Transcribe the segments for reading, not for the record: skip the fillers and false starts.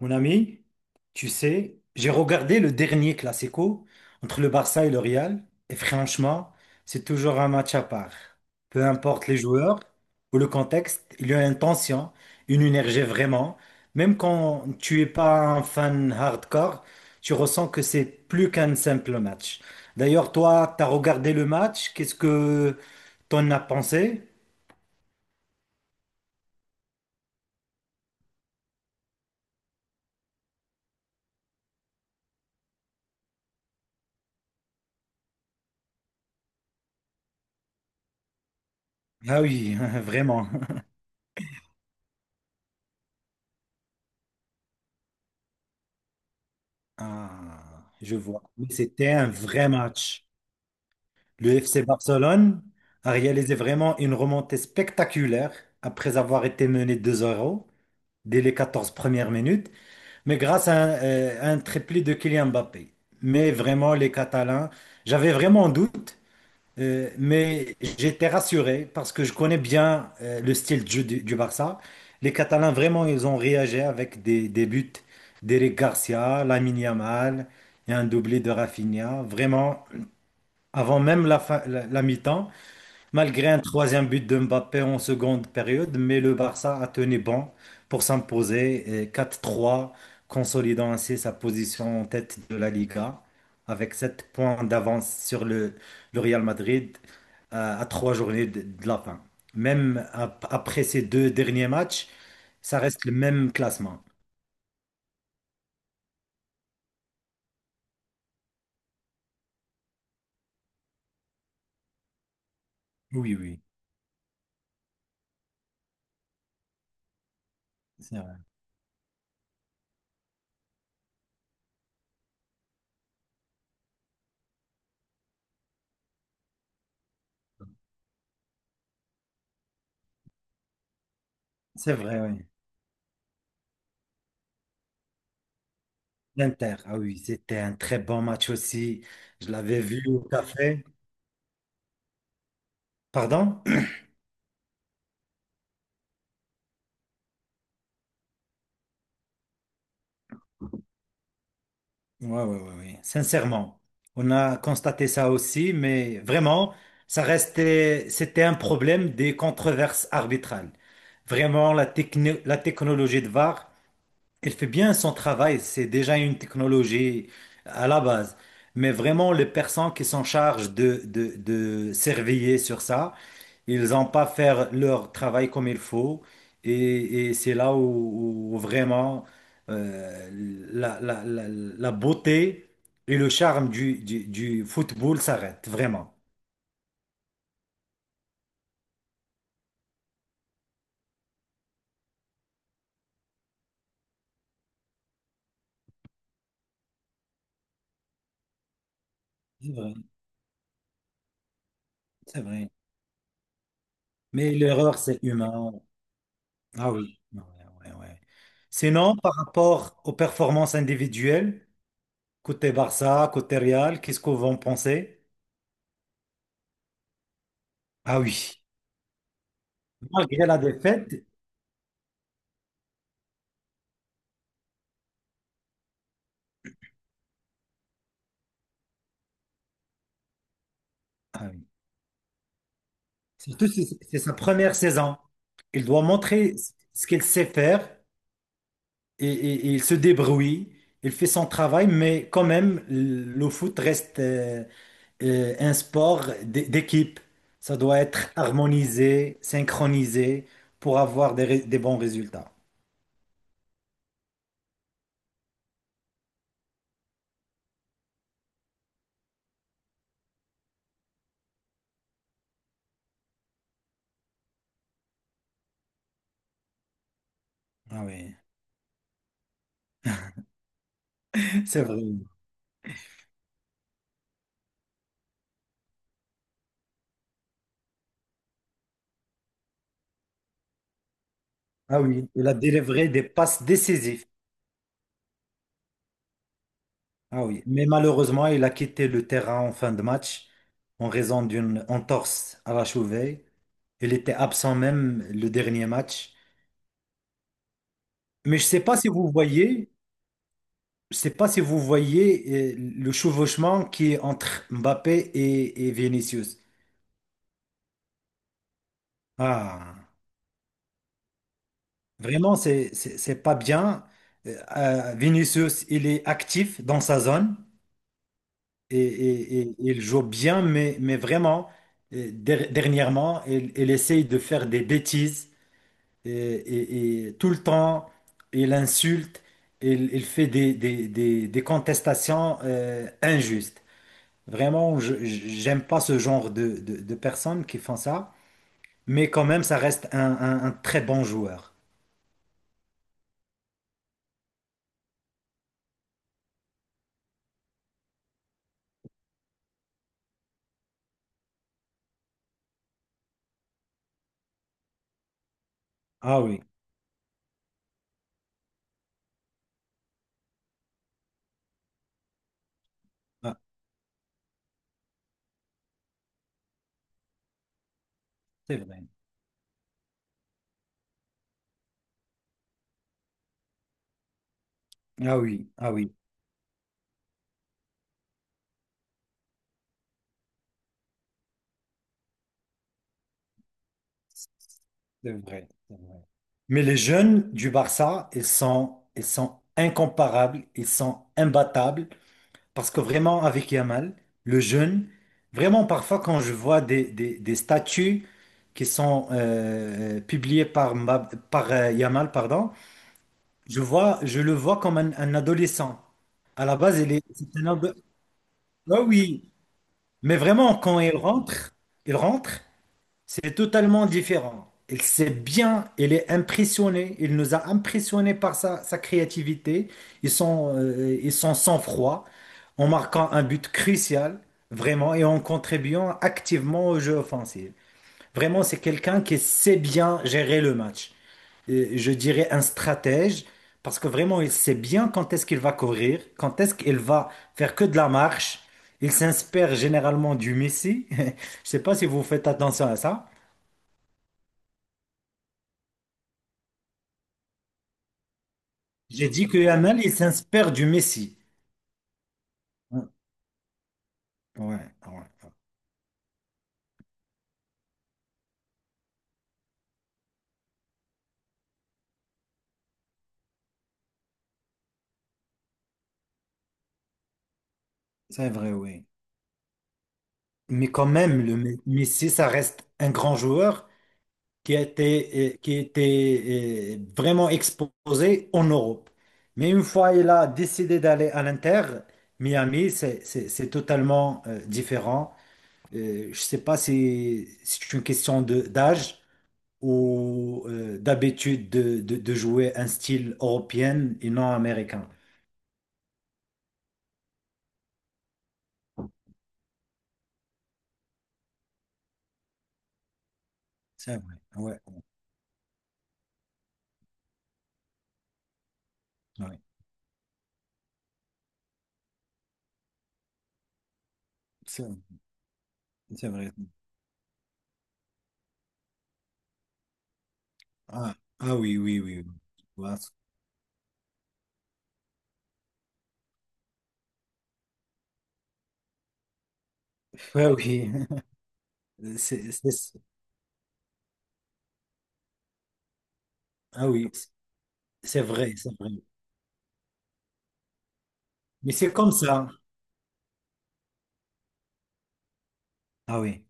Mon ami, tu sais, j'ai regardé le dernier Classico entre le Barça et le Real, et franchement, c'est toujours un match à part. Peu importe les joueurs ou le contexte, il y a une tension, une énergie vraiment. Même quand tu es pas un fan hardcore, tu ressens que c'est plus qu'un simple match. D'ailleurs, toi, tu as regardé le match, qu'est-ce que t'en as pensé? Ah oui, vraiment. Ah, je vois. Mais c'était un vrai match. Le FC Barcelone a réalisé vraiment une remontée spectaculaire après avoir été mené deux 0 dès les 14 premières minutes, mais grâce à un triplé de Kylian Mbappé. Mais vraiment, les Catalans, j'avais vraiment un doute, mais j'étais rassuré parce que je connais bien le style de jeu du Barça. Les Catalans, vraiment, ils ont réagi avec des buts d'Eric Garcia, Lamine Yamal et un doublé de Rafinha. Vraiment, avant même la, fin- la la mi-temps, malgré un troisième but de Mbappé en seconde période, mais le Barça a tenu bon pour s'imposer et 4-3, consolidant ainsi sa position en tête de la Liga, avec 7 points d'avance sur le Real Madrid à 3 journées de la fin. Même après ces deux derniers matchs, ça reste le même classement. Oui, oui. C'est vrai, c'est vrai, oui. L'Inter, ah oui, c'était un très bon match aussi. Je l'avais vu au café. Pardon? Ouais, ouais, ouais, ouais. Sincèrement, on a constaté ça aussi, mais vraiment, ça restait, c'était un problème des controverses arbitrales. Vraiment, la technologie de VAR, elle fait bien son travail. C'est déjà une technologie à la base. Mais vraiment, les personnes qui s'en chargent de surveiller sur ça, ils n'ont pas faire leur travail comme il faut. Et c'est là où vraiment euh, la beauté et le charme du football s'arrêtent, vraiment. C'est vrai, c'est vrai. Mais l'erreur, c'est humain. Ah oui. Ouais, ouais, ouais. Sinon, par rapport aux performances individuelles, côté Barça, côté Real, qu'est-ce qu'on va en penser? Ah oui, malgré la défaite. Surtout si c'est sa première saison. Il doit montrer ce qu'il sait faire et il se débrouille. Il fait son travail, mais quand même, le foot reste un sport d'équipe. Ça doit être harmonisé, synchronisé pour avoir des bons résultats. Ah oui, c'est vrai. Ah oui, il a délivré des passes décisives. Ah oui, mais malheureusement, il a quitté le terrain en fin de match en raison d'une entorse à la cheville. Il était absent même le dernier match. Mais je sais pas si vous voyez, je sais pas si vous voyez le chevauchement qui est entre Mbappé et Vinicius. Ah, vraiment, c'est pas bien. Vinicius, il est actif dans sa zone et il joue bien, mais vraiment, dernièrement, il essaye de faire des bêtises et tout le temps, il insulte, il fait des contestations injustes. Vraiment, j'aime pas ce genre de personnes qui font ça, mais quand même, ça reste un très bon joueur. Ah oui, ah, c'est vrai. Ah oui, ah oui, c'est vrai, c'est vrai. Mais les jeunes du Barça, ils sont incomparables, ils sont imbattables. Parce que vraiment, avec Yamal, le jeune, vraiment parfois quand je vois des statuts qui sont publiés par, Yamal, pardon, je vois, je le vois comme un adolescent. À la base, il est... c'est un ado- Ah oui, mais vraiment, quand il rentre, il rentre, c'est totalement différent. Il sait bien, il est impressionné, il nous a impressionnés par sa créativité, ils sont et son sang-froid en marquant un but crucial, vraiment, et en contribuant activement au jeu offensif. Vraiment, c'est quelqu'un qui sait bien gérer le match. Et je dirais un stratège, parce que vraiment, il sait bien quand est-ce qu'il va courir, quand est-ce qu'il va faire que de la marche. Il s'inspire généralement du Messi. Je sais pas si vous faites attention à ça. J'ai dit que Yamal, il s'inspire du Messi. Ouais, ouais, ouais. C'est vrai, oui. Mais quand même, Messi, ça reste un grand joueur qui a été, qui était vraiment exposé en Europe. Mais une fois il a décidé d'aller à l'Inter, Miami, c'est totalement différent. Je ne sais pas si c'est une question de d'âge ou d'habitude de jouer un style européen et non américain. C'est vrai, ouais, ouais. C'est c'est vrai. Ah, ah oui, oui, oui, oui. Voilà. Ouais, oui. C'est, c'est- ah oui, c'est vrai, c'est vrai. Mais c'est comme ça. Ah oui.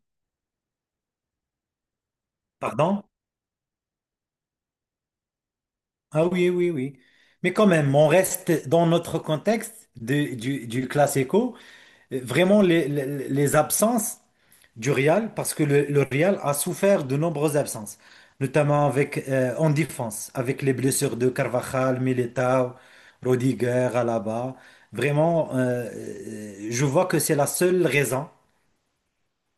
Pardon? Ah oui, oui, oui. Mais quand même, on reste dans notre contexte du classico. Vraiment, les absences du Real, parce que le Real a souffert de nombreuses absences, notamment avec, en défense, avec les blessures de Carvajal, Militao, Rodiger, Alaba. Vraiment, je vois que c'est la seule raison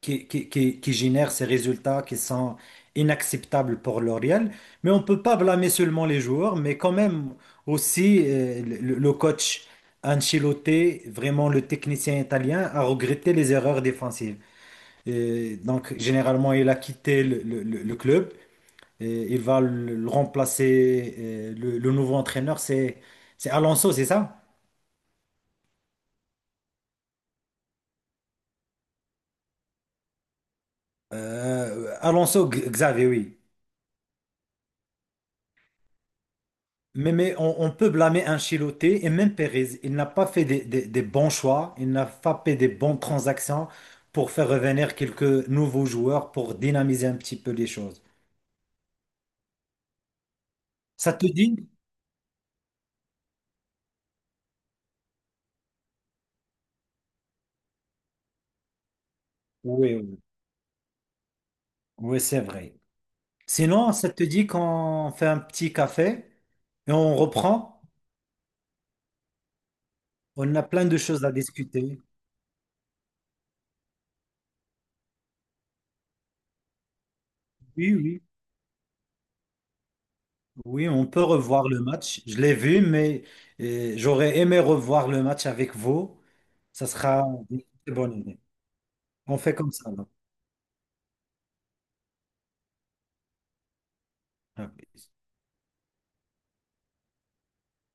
qui génère ces résultats qui sont inacceptables pour L'Oréal. Mais on ne peut pas blâmer seulement les joueurs, mais quand même aussi le coach Ancelotti, vraiment le technicien italien, a regretté les erreurs défensives. Et donc, généralement, il a quitté le club. Et il va le remplacer. Le nouveau entraîneur, c'est Alonso, c'est ça? Xavi, oui. Mais on peut blâmer Ancelotti et même Perez. Il n'a pas fait des bons choix, il n'a pas fait des bonnes transactions pour faire revenir quelques nouveaux joueurs pour dynamiser un petit peu les choses. Ça te dit? Oui, oui, oui, c'est vrai. Sinon, ça te dit qu'on fait un petit café et on reprend? On a plein de choses à discuter. Oui, oui. Oui, on peut revoir le match. Je l'ai vu, mais j'aurais aimé revoir le match avec vous. Ça sera une très bonne idée. On fait comme ça, là. Ah, oui.